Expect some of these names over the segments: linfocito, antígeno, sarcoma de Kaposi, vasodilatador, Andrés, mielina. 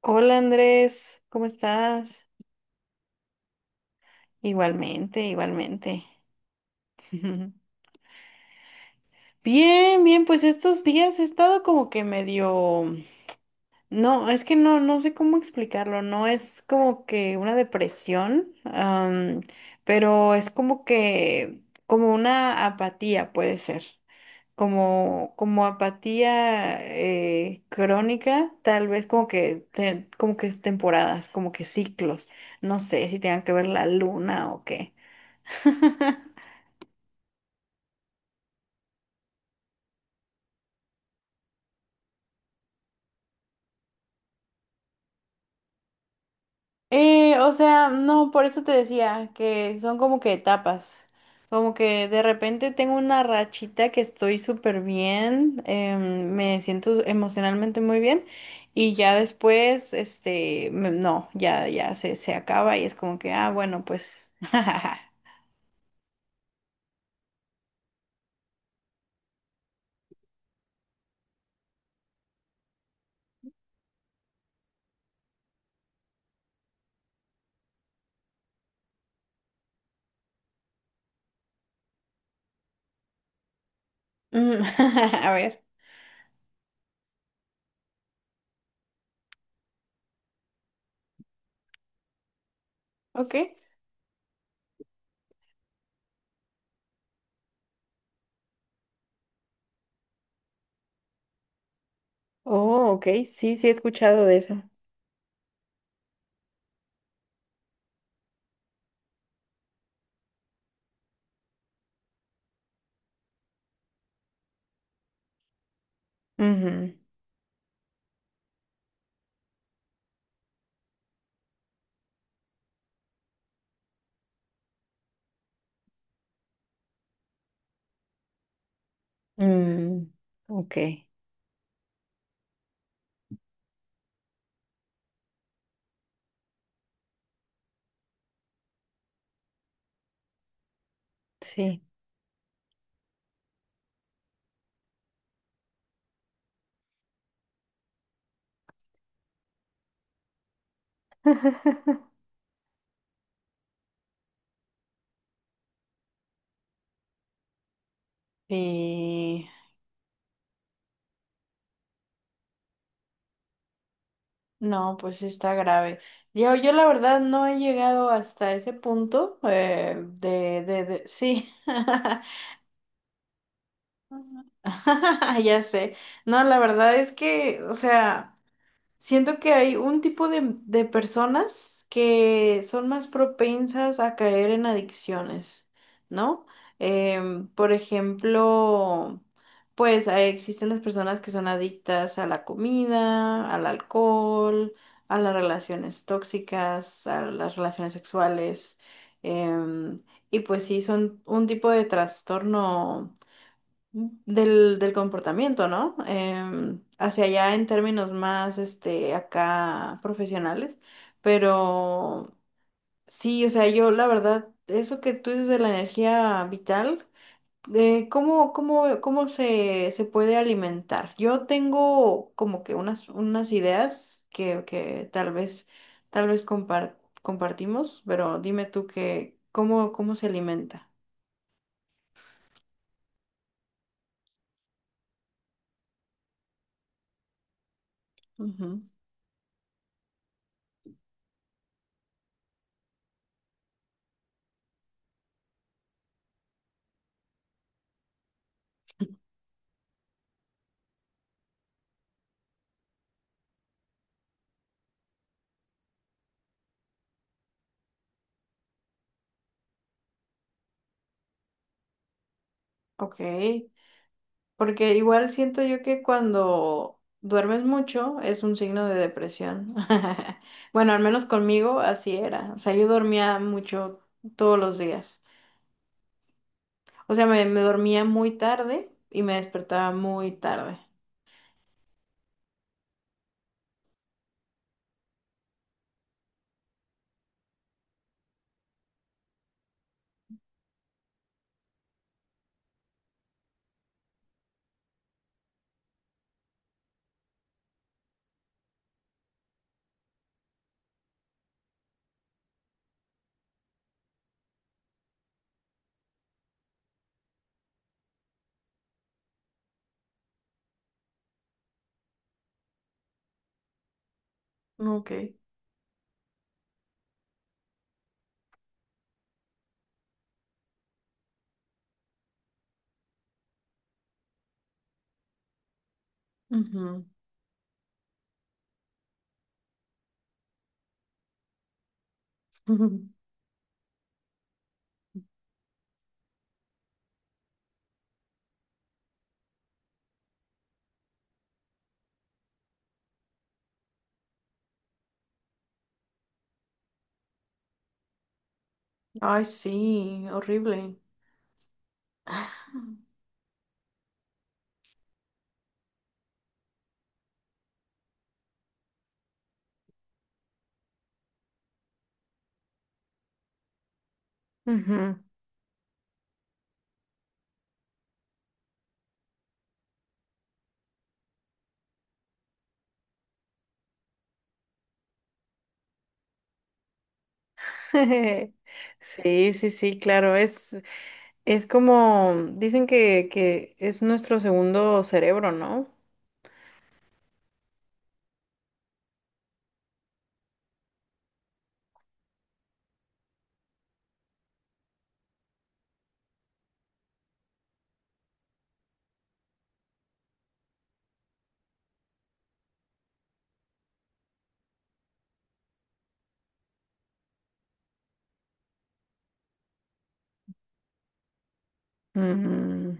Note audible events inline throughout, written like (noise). Hola Andrés, ¿cómo estás? Igualmente, igualmente. (laughs) Bien, bien, pues estos días he estado como que medio, no, es que no, no sé cómo explicarlo, no es como que una depresión, pero es como que, como una apatía puede ser, como apatía crónica, tal vez como que temporadas, como que ciclos, no sé si tengan que ver la luna o qué. (laughs) O sea, no, por eso te decía que son como que etapas. Como que de repente tengo una rachita que estoy súper bien, me siento emocionalmente muy bien y ya después, este, no, ya se acaba y es como que, ah, bueno, pues, (laughs) Mm, (laughs) a ver, ok. Oh, ok, sí, sí he escuchado de eso. Ujú. Mm, ok, sí. (laughs) Sí. No, pues sí está grave. Yo la verdad no he llegado hasta ese punto de, sí, (laughs) ya sé. No, la verdad es que, o sea. Siento que hay un tipo de, personas que son más propensas a caer en adicciones, ¿no? Por ejemplo, pues existen las personas que son adictas a la comida, al alcohol, a las relaciones tóxicas, a las relaciones sexuales. em, y pues sí, son un tipo de trastorno del comportamiento, ¿no? Hacia allá en términos más, este, acá profesionales, pero sí, o sea, yo la verdad, eso que tú dices de la energía vital, de ¿cómo se puede alimentar? Yo tengo como que unas ideas que tal vez compartimos, pero dime tú que, ¿cómo se alimenta? Ujú. Ok. Porque igual siento yo que cuando duermes mucho es un signo de depresión. (laughs) Bueno, al menos conmigo así era. O sea, yo dormía mucho todos los días. O sea, me dormía muy tarde y me despertaba muy tarde. Ok. Ujú. (laughs) Ay, sí, horrible. (laughs) Ujú. (laughs) Sí, sí, sí, claro, es como, dicen que es nuestro segundo cerebro, ¿no? Ujú.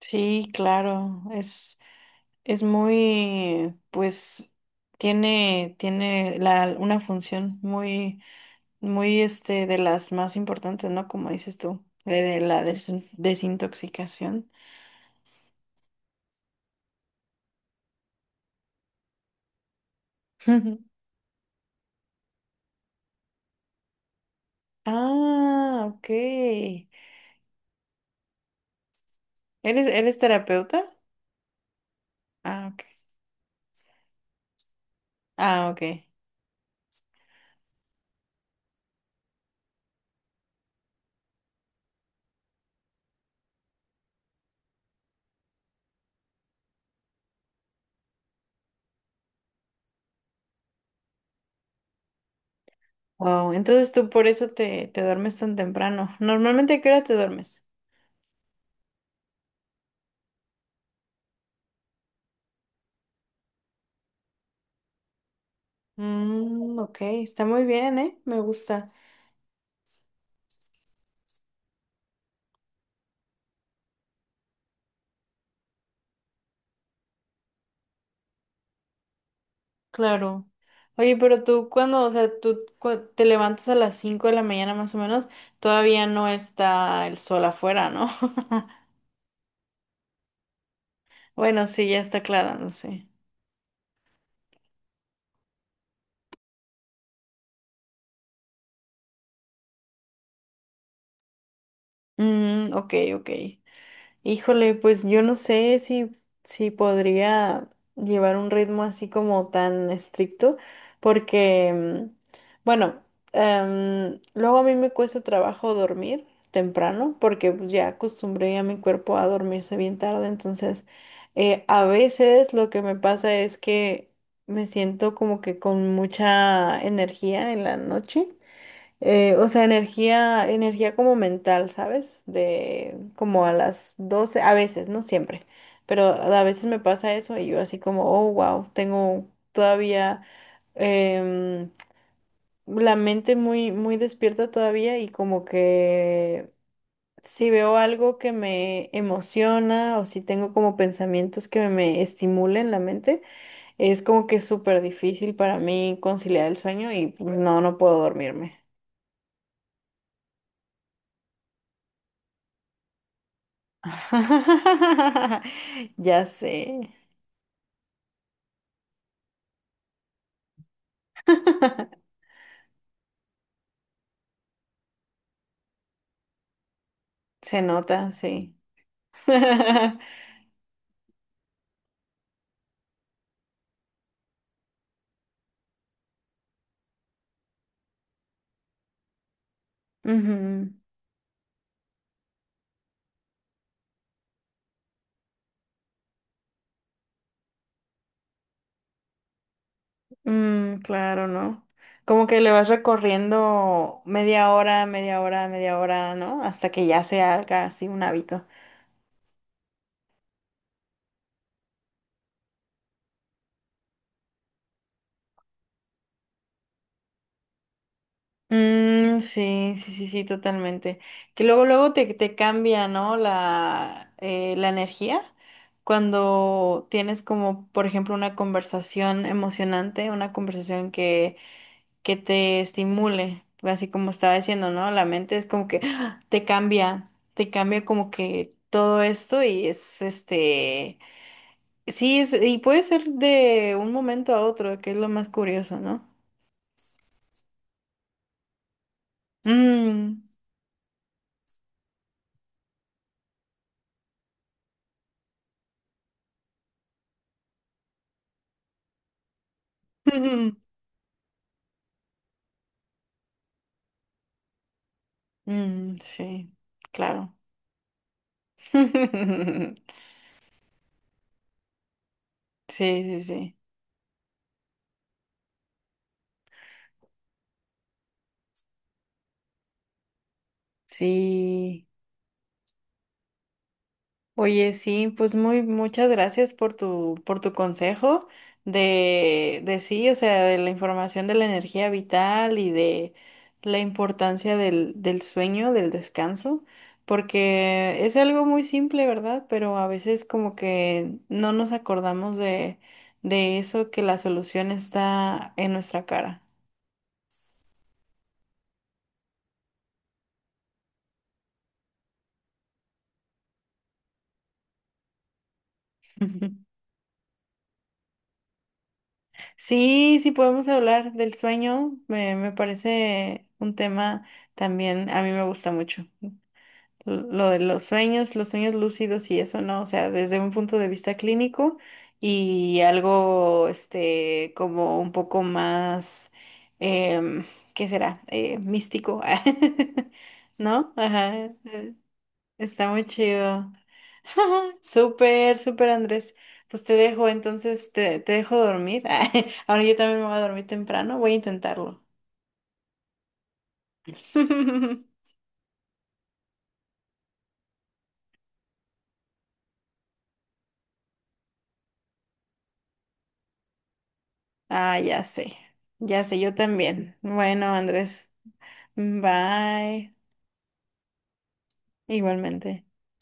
Sí, claro, es muy, pues, tiene una función muy, muy, este, de las más importantes, ¿no? Como dices tú, de la desintoxicación. (laughs) Ah, ok. ¿Eres terapeuta? Ah, ok. Ah, ok. Wow, entonces tú por eso te duermes tan temprano. ¿Normalmente a qué hora te duermes? Mm, ok, está muy bien, ¿eh? Me gusta. Claro. Oye, pero tú cuando, o sea, tú te levantas a las 5 de la mañana más o menos, todavía no está el sol afuera, ¿no? (laughs) Bueno, sí, ya está aclarándose. Mm, ok, ok. Híjole, pues yo no sé si podría llevar un ritmo así como tan estricto, porque, bueno, luego a mí me cuesta trabajo dormir temprano, porque pues, ya acostumbré a mi cuerpo a dormirse bien tarde, entonces a veces lo que me pasa es que me siento como que con mucha energía en la noche. O sea, energía, energía como mental, ¿sabes? De como a las 12, a veces, no siempre, pero a veces me pasa eso y yo así como, oh, wow, tengo todavía em, la mente muy, muy despierta todavía y como que si veo algo que me emociona o si tengo como pensamientos que me estimulen la mente, es como que es súper difícil para mí conciliar el sueño y pues, no puedo dormirme. (laughs) Ya sé. (laughs) Se nota, sí. (laughs) Ujú. Mm, claro, ¿no? Como que le vas recorriendo media hora, media hora, media hora, ¿no? Hasta que ya se haga así un hábito. Mm, sí, sí, sí, sí, totalmente. Que luego, luego te cambia, ¿no? La energía. Cuando tienes como, por ejemplo, una conversación emocionante, una conversación que te estimule, así como estaba diciendo, ¿no? La mente es como que ¡ah! Te cambia como que todo esto y es este, sí, es, y puede ser de un momento a otro, que es lo más curioso, ¿no? Mm, (laughs) mm, sí, claro. (laughs) Sí, sí, sí. Sí. Oye, sí, pues muchas gracias por tu, consejo de sí, o sea, de la información de la energía vital y de la importancia del sueño, del descanso, porque es algo muy simple, ¿verdad? Pero a veces como que no nos acordamos de eso, que la solución está en nuestra cara. (laughs) Sí, sí podemos hablar del sueño, me parece un tema también, a mí me gusta mucho. Lo de los sueños lúcidos y eso, ¿no? O sea, desde un punto de vista clínico y algo, este, como un poco más, em, ¿qué será? Místico, (laughs) ¿no? Ajá, eh, está muy chido. (laughs) Súper, súper, Andrés. Pues te dejo, entonces te dejo dormir. (laughs) Ahora yo también me voy a dormir temprano, voy a intentarlo. (laughs) Ah, ya sé, yo también. Bueno, Andrés. Bye. Igualmente.